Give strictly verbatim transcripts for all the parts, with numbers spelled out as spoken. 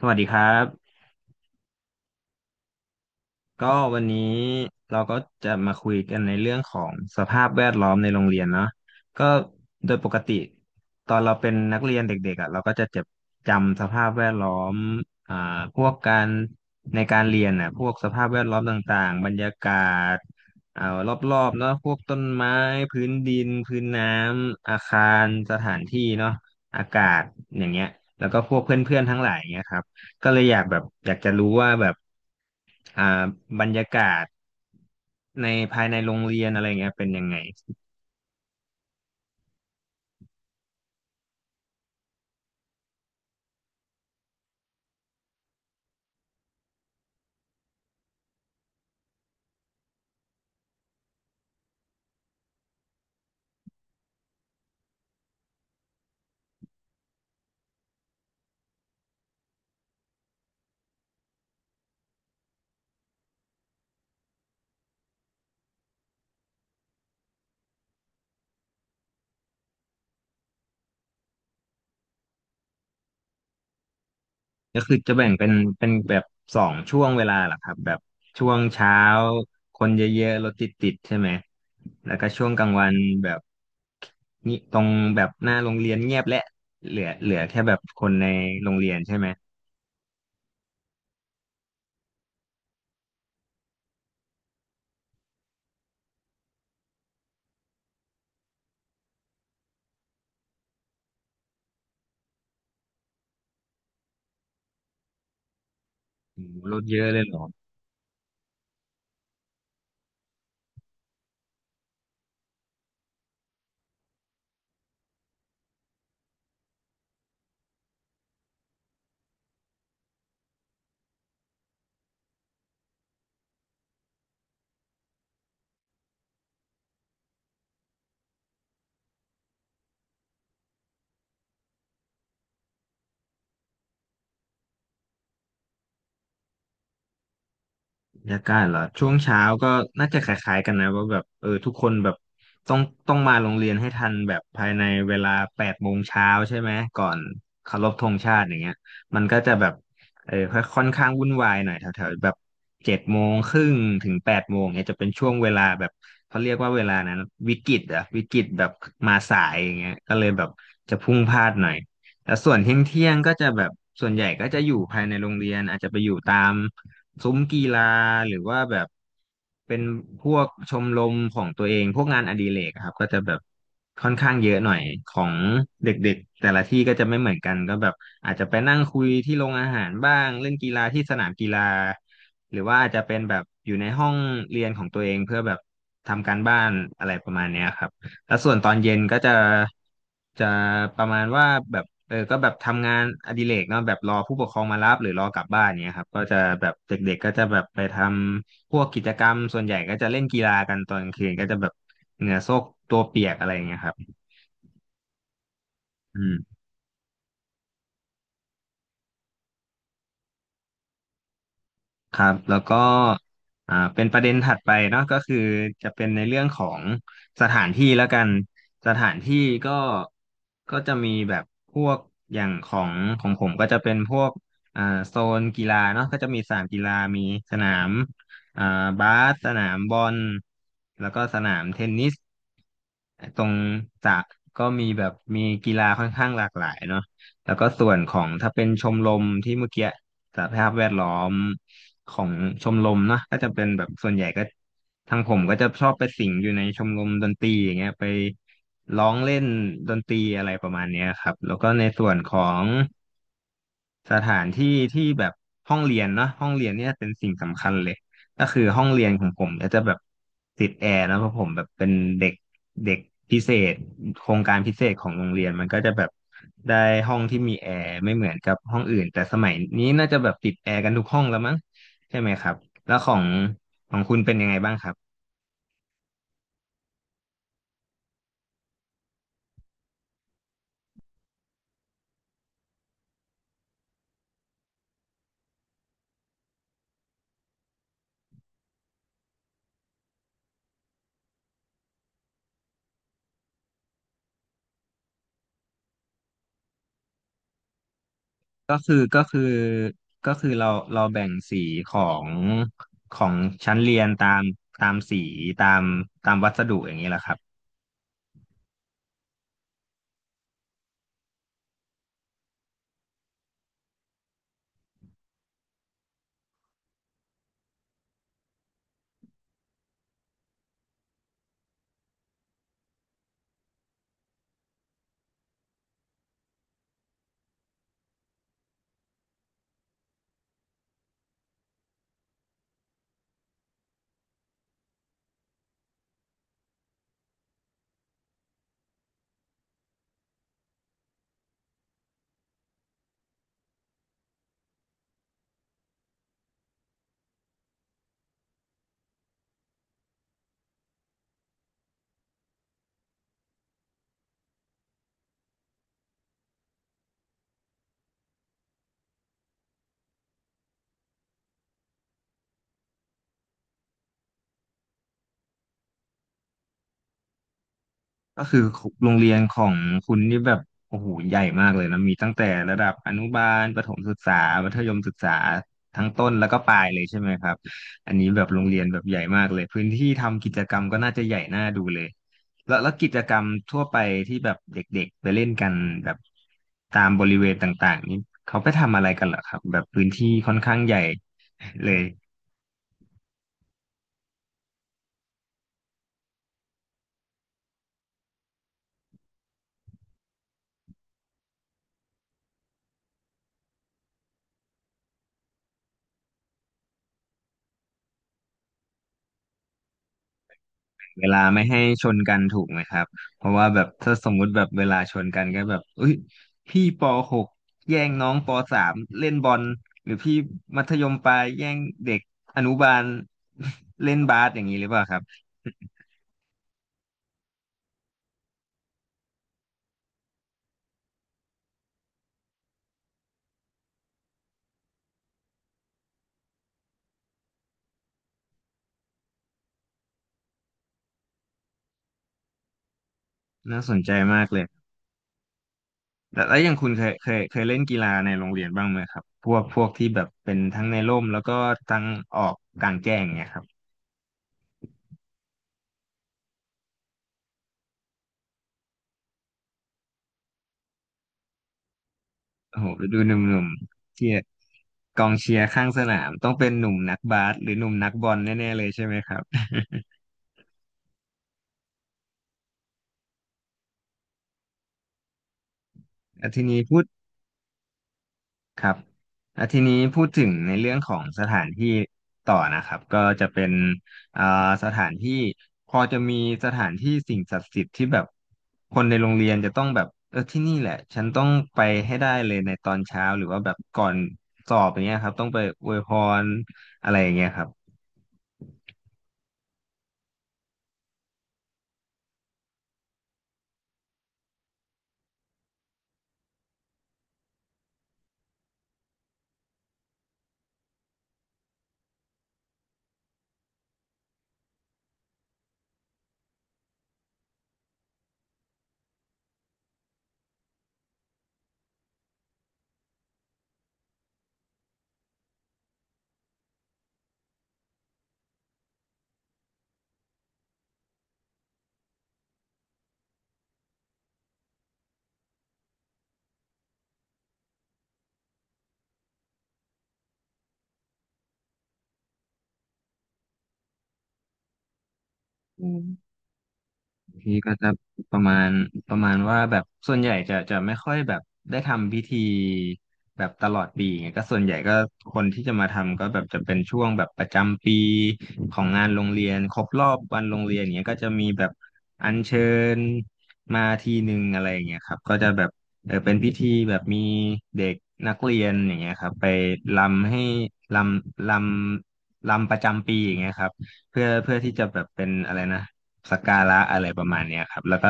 สวัสดีครับก็วันนี้เราก็จะมาคุยกันในเรื่องของสภาพแวดล้อมในโรงเรียนเนาะก็โดยปกติตอนเราเป็นนักเรียนเด็กๆอ่ะเราก็จะจ็บจำสภาพแวดล้อมอ่าพวกการในการเรียนน่ะพวกสภาพแวดล้อมต่างๆบรรยากาศอ่ารอบๆเนาะพวกต้นไม้พื้นดินพื้นน้ำอาคารสถานที่เนาะอากาศอย่างเงี้ยแล้วก็พวกเพื่อนๆทั้งหลายเงี้ยครับก็เลยอยากแบบอยากจะรู้ว่าแบบ อ่าบรรยากาศในภายในโรงเรียนอะไรเงี้ยเป็นยังไงก็คือจะแบ่งเป็นเป็นแบบสองช่วงเวลาเหรอครับแบบช่วงเช้าคนเยอะๆรถติดๆใช่ไหมแล้วก็ช่วงกลางวันแบบนี่ตรงแบบหน้าโรงเรียนเงียบและเหลือเหลือแค่แบบคนในโรงเรียนใช่ไหมโอ้โหรถเยอะเลยเหรอ บรรยากาศเหรอช่วงเช้าก็น่าจะคล้ายๆกันนะว่าแบบเออทุกคนแบบต้องต้องมาโรงเรียนให้ทันแบบภายในเวลาแปดโมงเช้าใช่ไหมก่อนเคารพธงชาติอย่างเงี้ยมันก็จะแบบเออค่อยค่อนข้างวุ่นวายหน่อยแถวๆแบบเจ็ดโมงครึ่งถึงแปดโมงเนี่ยจะเป็นช่วงเวลาแบบเขาเรียกว่าเวลานั้นวิกฤตอะวิกฤตแบบมาสายอย่างเงี้ยก็เลยแบบจะพลุ่งพลาดหน่อย แล้วส่วนเที่ยงเที่ยงก็จะแบบส่วนใหญ่ก็จะอยู่ภายในโรงเรียนอาจจะไปอยู่ตามซุ้มกีฬาหรือว่าแบบเป็นพวกชมรมของตัวเองพวกงานอดิเรกอะครับก็จะแบบค่อนข้างเยอะหน่อยของเด็กๆแต่ละที่ก็จะไม่เหมือนกันก็แบบอาจจะไปนั่งคุยที่โรงอาหารบ้างเล่นกีฬาที่สนามกีฬาหรือว่าอาจจะเป็นแบบอยู่ในห้องเรียนของตัวเองเพื่อแบบทำการบ้านอะไรประมาณเนี้ยครับ แล้วส่วนตอนเย็นก็จะจะประมาณว่าแบบเออก็แบบทำงานอดิเรกเนาะแบบรอผู้ปกครองมารับหรือรอกลับบ้านเนี้ยครับก็จะแบบเด็กๆก็จะแบบไปทำพวกกิจกรรมส่วนใหญ่ก็จะเล่นกีฬากันตอนกลางคืนก็จะแบบเหงื่อโซกตัวเปียกอะไรอย่างเงี้ยครับอืม ครับแล้วก็อ่าเป็นประเด็นถัดไปเนาะก็คือจะเป็นในเรื่องของสถานที่แล้วกันสถานที่ก็ก็จะมีแบบพวกอย่างของของผมก็จะเป็นพวกอ่าโซนกีฬาเนาะก็จะมีสนามกีฬามีสนามอ่าบาสสนามบอลแล้วก็สนามเทนนิสตรงสระก็มีแบบมีกีฬาค่อนข้างหลากหลายเนาะ แล้วก็ส่วนของถ้าเป็นชมรมที่เมื่อกี้สหภาพแวดล้อมของชมรมเนาะก็จะเป็นแบบส่วนใหญ่ก็ทางผมก็จะชอบไปสิงอยู่ในชมรมดนตรีอย่างเงี้ยไปร้องเล่นดนตรีอะไรประมาณเนี้ยครับแล้วก็ในส่วนของ สถานที่ที่แบบห้องเรียนเนาะห้องเรียนเนี่ยเป็นสิ่งสำคัญเลยก็คือห้องเรียนของผมเนี่ยจะแบบติดแอร์นะเพราะผมแบบเป็นเด็กเด็กพิเศษโครงการพิเศษของโรงเรียนมันก็จะแบบได้ห้องที่มีแอร์ไม่เหมือนกับห้องอื่นแต่สมัยนี้น่าจะแบบติดแอร์กันทุกห้องแล้วมั้งใช่ไหมครับแล้วของของคุณเป็นยังไงบ้างครับก็คือก็คือก็คือเราเราแบ่งสีของของชั้นเรียนตามตามสีตามตามวัสดุอย่างนี้แหละครับ ก็คือโรงเรียนของคุณนี่แบบโอ้โหใหญ่มากเลยนะมีตั้งแต่ระดับอนุบาลประถมศึกษามัธยมศึกษาทั้งต้นแล้วก็ปลายเลยใช่ไหมครับอันนี้แบบโรงเรียนแบบใหญ่มากเลยพื้นที่ทำกิจกรรมก็น่าจะใหญ่น่าดูเลยแล้วแล้วกิจกรรมทั่วไปที่แบบเด็กๆไปเล่นกันแบบตามบริเวณต่างๆนี้เขาไปทำอะไรกันเหรอครับแบบพื้นที่ค่อนข้างใหญ่เลย เวลาไม่ให้ชนกันถูกไหมครับเพราะว่าแบบถ้าสมมุติแบบเวลาชนกันก็แบบเอ้ยพี่ปหกแย่งน้องปสามเล่นบอลหรือพี่มัธยมปลายแย่งเด็กอนุบาล เล่นบาสอย่างนี้หรือเปล่าครับน่าสนใจมากเลยแต่แล้วอย่างคุณเคยเคยเคยเล่นกีฬาในโรงเรียนบ้างไหมครับพวกพวกที่แบบเป็นทั้งในร่มแล้วก็ทั้งออกกลางแจ้งเนี่ยครับ โอ้โหไปดูหนุ่มๆที่กองเชียร์ข้างสนามต้องเป็นหนุ่มนักบาสหรือหนุ่มนักบอลแน่ๆเลยใช่ไหมครับ อาทีนี้พูดครับอาทีนี้พูดถึงในเรื่องของสถานที่ต่อนะครับก็จะเป็นอ่าสถานที่พอจะมีสถานที่สิ่งศักดิ์สิทธิ์ที่แบบคนในโรงเรียนจะต้องแบบเออที่นี่แหละฉันต้องไปให้ได้เลยในตอนเช้าหรือว่าแบบก่อนสอบอย่างเงี้ยครับต้องไปอวยพรอะไรอย่างเงี้ยครับ พี่ก็จะประมาณประมาณว่าแบบส่วนใหญ่จะจะไม่ค่อยแบบได้ทำพิธีแบบตลอดปีไงก็ส่วนใหญ่ก็คนที่จะมาทำก็แบบจะเป็นช่วงแบบประจำปีของงานโรงเรียนครบรอบวันโรงเรียนเนี้ยก็จะมีแบบอัญเชิญมาทีหนึ่งอะไรอย่างเงี้ยครับก็จะแบบเออเป็นพิธีแบบมีเด็กนักเรียนอย่างเงี้ยครับไปรำให้รำรำรำประจำปีอย่างเงี้ยครับเพื่อเพื่อที่จะแบบเป็นอะไรนะ สักการะอะไรประมาณเนี้ยครับแล้วก็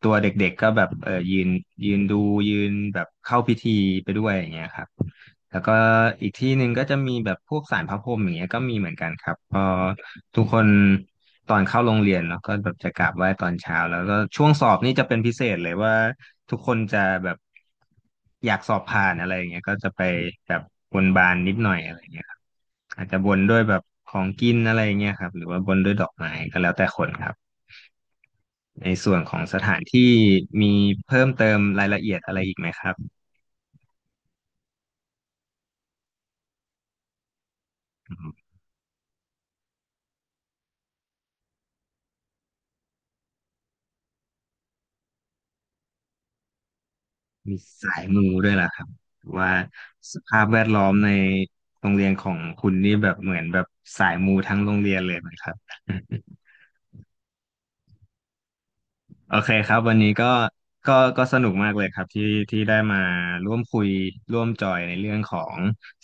ตัวเด็กๆก็แบบเออยืนยืนดูยืนแบบเข้าพิธีไปด้วยอย่างเงี้ยครับแล้วก็อีกที่หนึ่งก็จะมีแบบพวกศาลพระพรหมอย่างเงี้ยก็มีเหมือนกันครับพอทุกคนตอนเข้าโรงเรียนเนาะก็แบบจะกราบไหว้ตอนเช้าแล้วก็ช่วงสอบนี่จะเป็นพิเศษเลยว่าทุกคนจะแบบอยากสอบผ่านอะไรอย่างเงี้ยก็จะไปแบบบนบานนิดหน่อยอะไรอย่างเงี้ยครับอาจจะบนด้วยแบบของกินอะไรอย่างเงี้ยครับหรือว่าบนด้วยดอกไม้ก็แล้วแต่คนครับ ในส่วนของสถานที่มีเพิ่มเติมรายละเอียดอะไรอีกไหมครับอืมมีสายมูด้วยล่ะครับว่าสภาพแวดล้อมในโรงเรียนของคุณนี่แบบเหมือนแบบสายมูทั้งโรงเรียนเลยไหมครับ โอเคครับวันนี้ก็ก็ก็สนุกมากเลยครับที่ที่ได้มาร่วมคุยร่วมจอยในเรื่องของ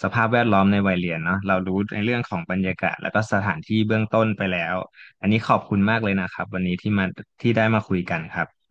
สภาพแวดล้อมในวัยเรียนเนาะเรารู้ในเรื่องของบรรยากาศแล้วก็สถานที่เบื้องต้นไปแล้วอันนี้ขอบคุณมากเลยนะครับวันนี้ที่มาที่ได้มาคุยกันครับ